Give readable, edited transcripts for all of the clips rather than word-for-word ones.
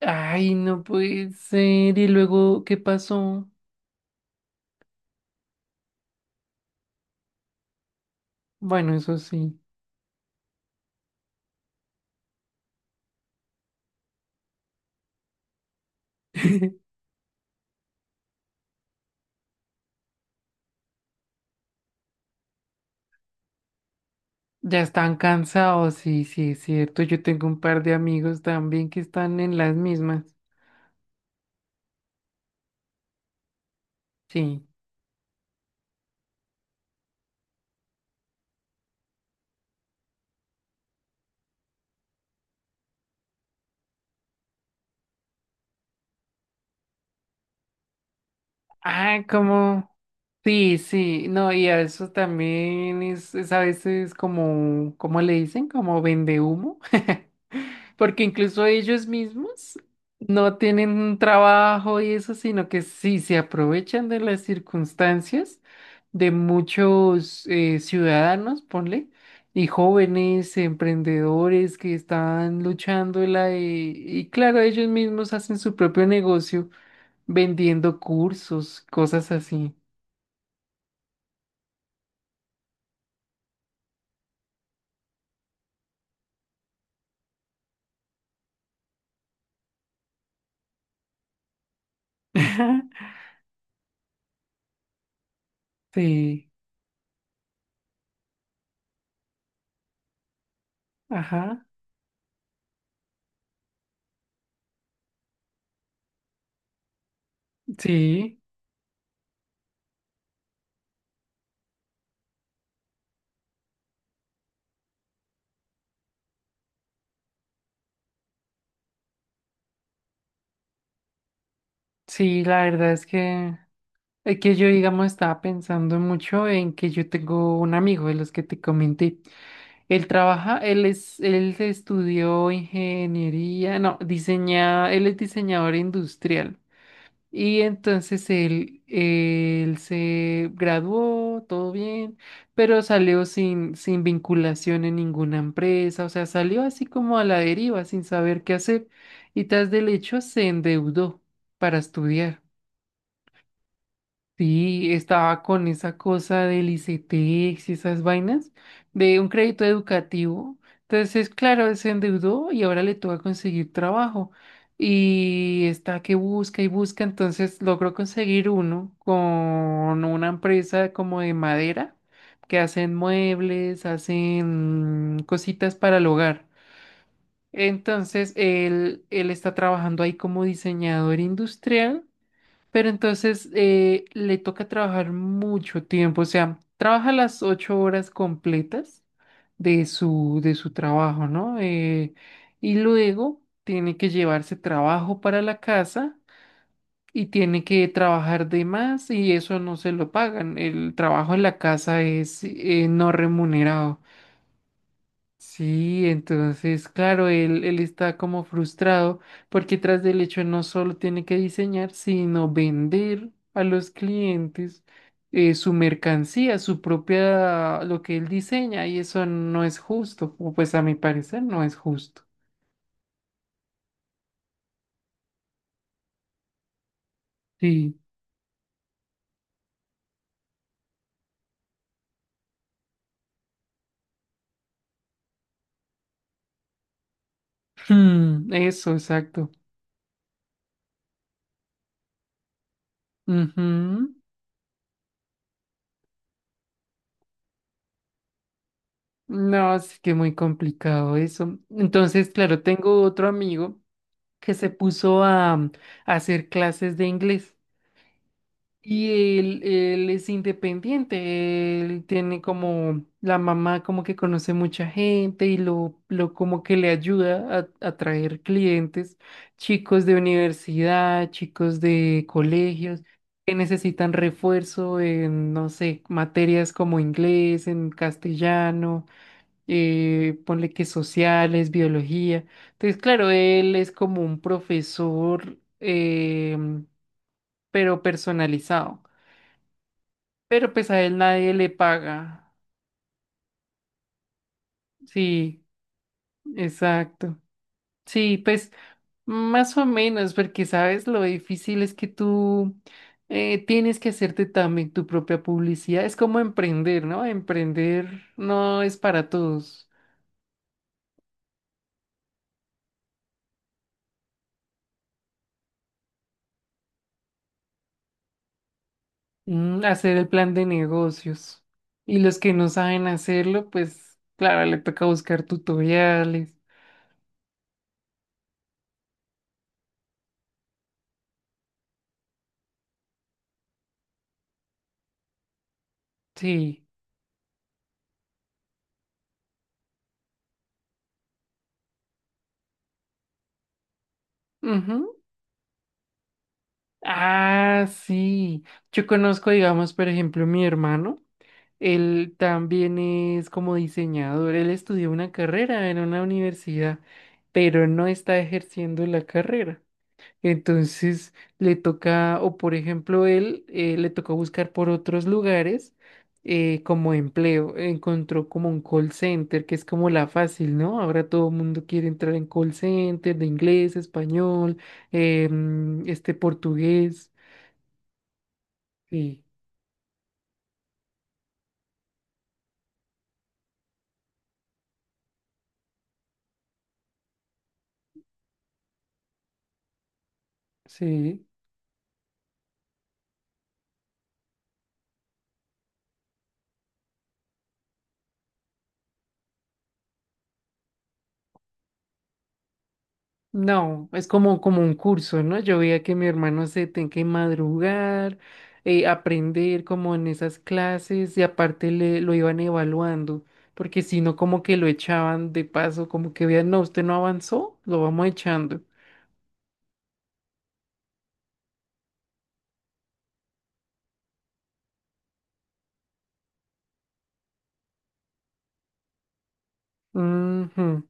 Ay, no puede ser. ¿Y luego qué pasó? Bueno, eso sí. Ya están cansados, sí, sí, es cierto. Yo tengo un par de amigos también que están en las mismas. Sí. Ah, como. Sí, sí. No, y a eso también es a veces como, ¿cómo le dicen? Como vende humo. Porque incluso ellos mismos no tienen un trabajo y eso, sino que sí se aprovechan de las circunstancias de muchos ciudadanos, ponle, y jóvenes, emprendedores que están luchando en la, y claro, ellos mismos hacen su propio negocio vendiendo cursos, cosas así. Sí, ajá, sí, sí, la verdad es que... Es que yo, digamos, estaba pensando mucho en que yo tengo un amigo de los que te comenté. Él trabaja, él es, él estudió ingeniería, no, diseña, él es diseñador industrial. Y entonces él se graduó, todo bien, pero salió sin, sin vinculación en ninguna empresa, o sea, salió así como a la deriva, sin saber qué hacer, y tras del hecho se endeudó para estudiar. Sí, estaba con esa cosa del ICETEX y esas vainas de un crédito educativo. Entonces, claro, se endeudó y ahora le toca conseguir trabajo. Y está que busca y busca. Entonces logró conseguir uno con una empresa como de madera que hacen muebles, hacen cositas para el hogar. Entonces, él está trabajando ahí como diseñador industrial. Pero entonces le toca trabajar mucho tiempo, o sea, trabaja las 8 horas completas de su trabajo, ¿no? Y luego tiene que llevarse trabajo para la casa y tiene que trabajar de más y eso no se lo pagan. El trabajo en la casa es no remunerado. Sí, entonces, claro, él está como frustrado porque tras del hecho no solo tiene que diseñar, sino vender a los clientes su mercancía, su propia, lo que él diseña, y eso no es justo, o pues a mi parecer no es justo. Sí, hmm, eso, exacto. Ujú. No, es que muy complicado eso. Entonces, claro, tengo otro amigo que se puso a hacer clases de inglés. Y él es independiente, él tiene como la mamá como que conoce mucha gente y lo como que le ayuda a traer clientes, chicos de universidad, chicos de colegios que necesitan refuerzo en, no sé, materias como inglés, en castellano, ponle que sociales, biología. Entonces, claro, él es como un profesor, pero personalizado. Pero pues a él nadie le paga. Sí, exacto. Sí, pues más o menos, porque sabes lo difícil es que tú tienes que hacerte también tu propia publicidad. Es como emprender, ¿no? Emprender no es para todos. Mm, hacer el plan de negocios. Y los que no saben hacerlo, pues claro, le toca buscar tutoriales. Sí. Ujú. Ah, sí. Yo conozco, digamos, por ejemplo, mi hermano. Él también es como diseñador. Él estudió una carrera en una universidad, pero no está ejerciendo la carrera. Entonces le toca, o por ejemplo, él le tocó buscar por otros lugares como empleo. Encontró como un call center, que es como la fácil, ¿no? Ahora todo el mundo quiere entrar en call center de inglés, español, este portugués. Sí, sí. No, es como, como un curso, ¿no? Yo veía que mi hermano se tenía que madrugar, aprender como en esas clases y aparte le, lo iban evaluando, porque si no como que lo echaban de paso, como que vean, no, usted no avanzó, lo vamos echando. Ujú.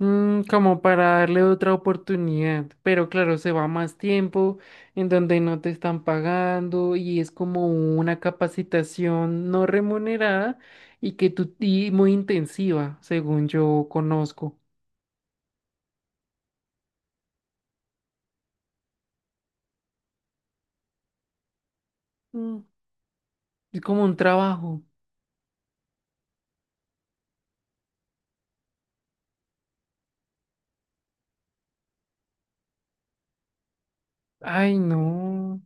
Mm, como para darle otra oportunidad, pero claro, se va más tiempo en donde no te están pagando y es como una capacitación no remunerada y que tú y muy intensiva, según yo conozco. Mm, es como un trabajo. Ay, no.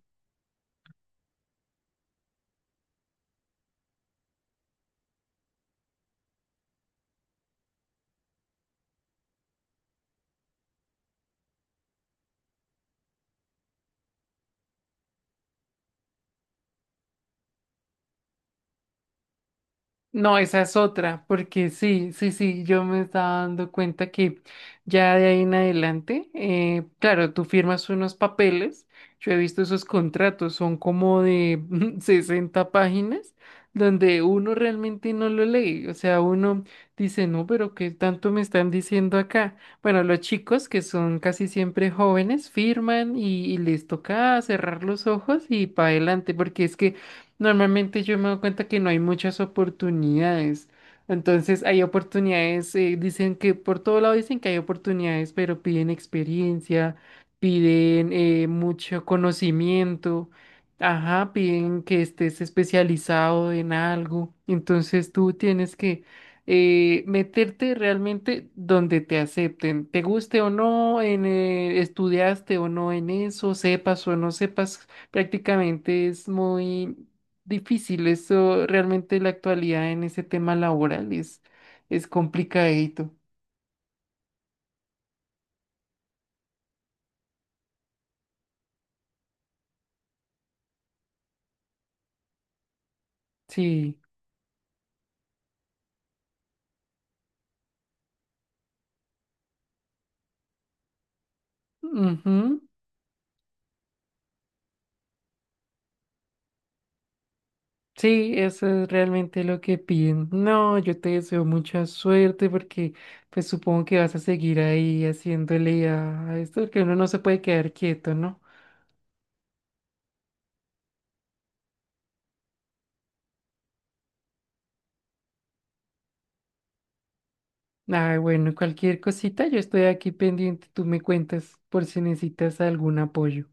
No, esa es otra, porque sí, sí, sí, yo me estaba dando cuenta que ya de ahí en adelante, claro, tú firmas unos papeles, yo he visto esos contratos, son como de 60 páginas, donde uno realmente no lo lee, o sea, uno dice, no, pero ¿qué tanto me están diciendo acá? Bueno, los chicos que son casi siempre jóvenes firman y les toca cerrar los ojos y para adelante, porque es que normalmente yo me doy cuenta que no hay muchas oportunidades. Entonces hay oportunidades, dicen que por todo lado dicen que hay oportunidades, pero piden experiencia, piden mucho conocimiento, ajá, piden que estés especializado en algo. Entonces tú tienes que meterte realmente donde te acepten, te guste o no, en, estudiaste o no en eso, sepas o no sepas prácticamente es muy difícil. Eso realmente la actualidad en ese tema laboral es complicadito. Sí. Ujú, sí, eso es realmente lo que piden. No, yo te deseo mucha suerte porque pues supongo que vas a seguir ahí haciéndole a esto, porque uno no se puede quedar quieto, ¿no? Ah, bueno, cualquier cosita, yo estoy aquí pendiente, tú me cuentas por si necesitas algún apoyo.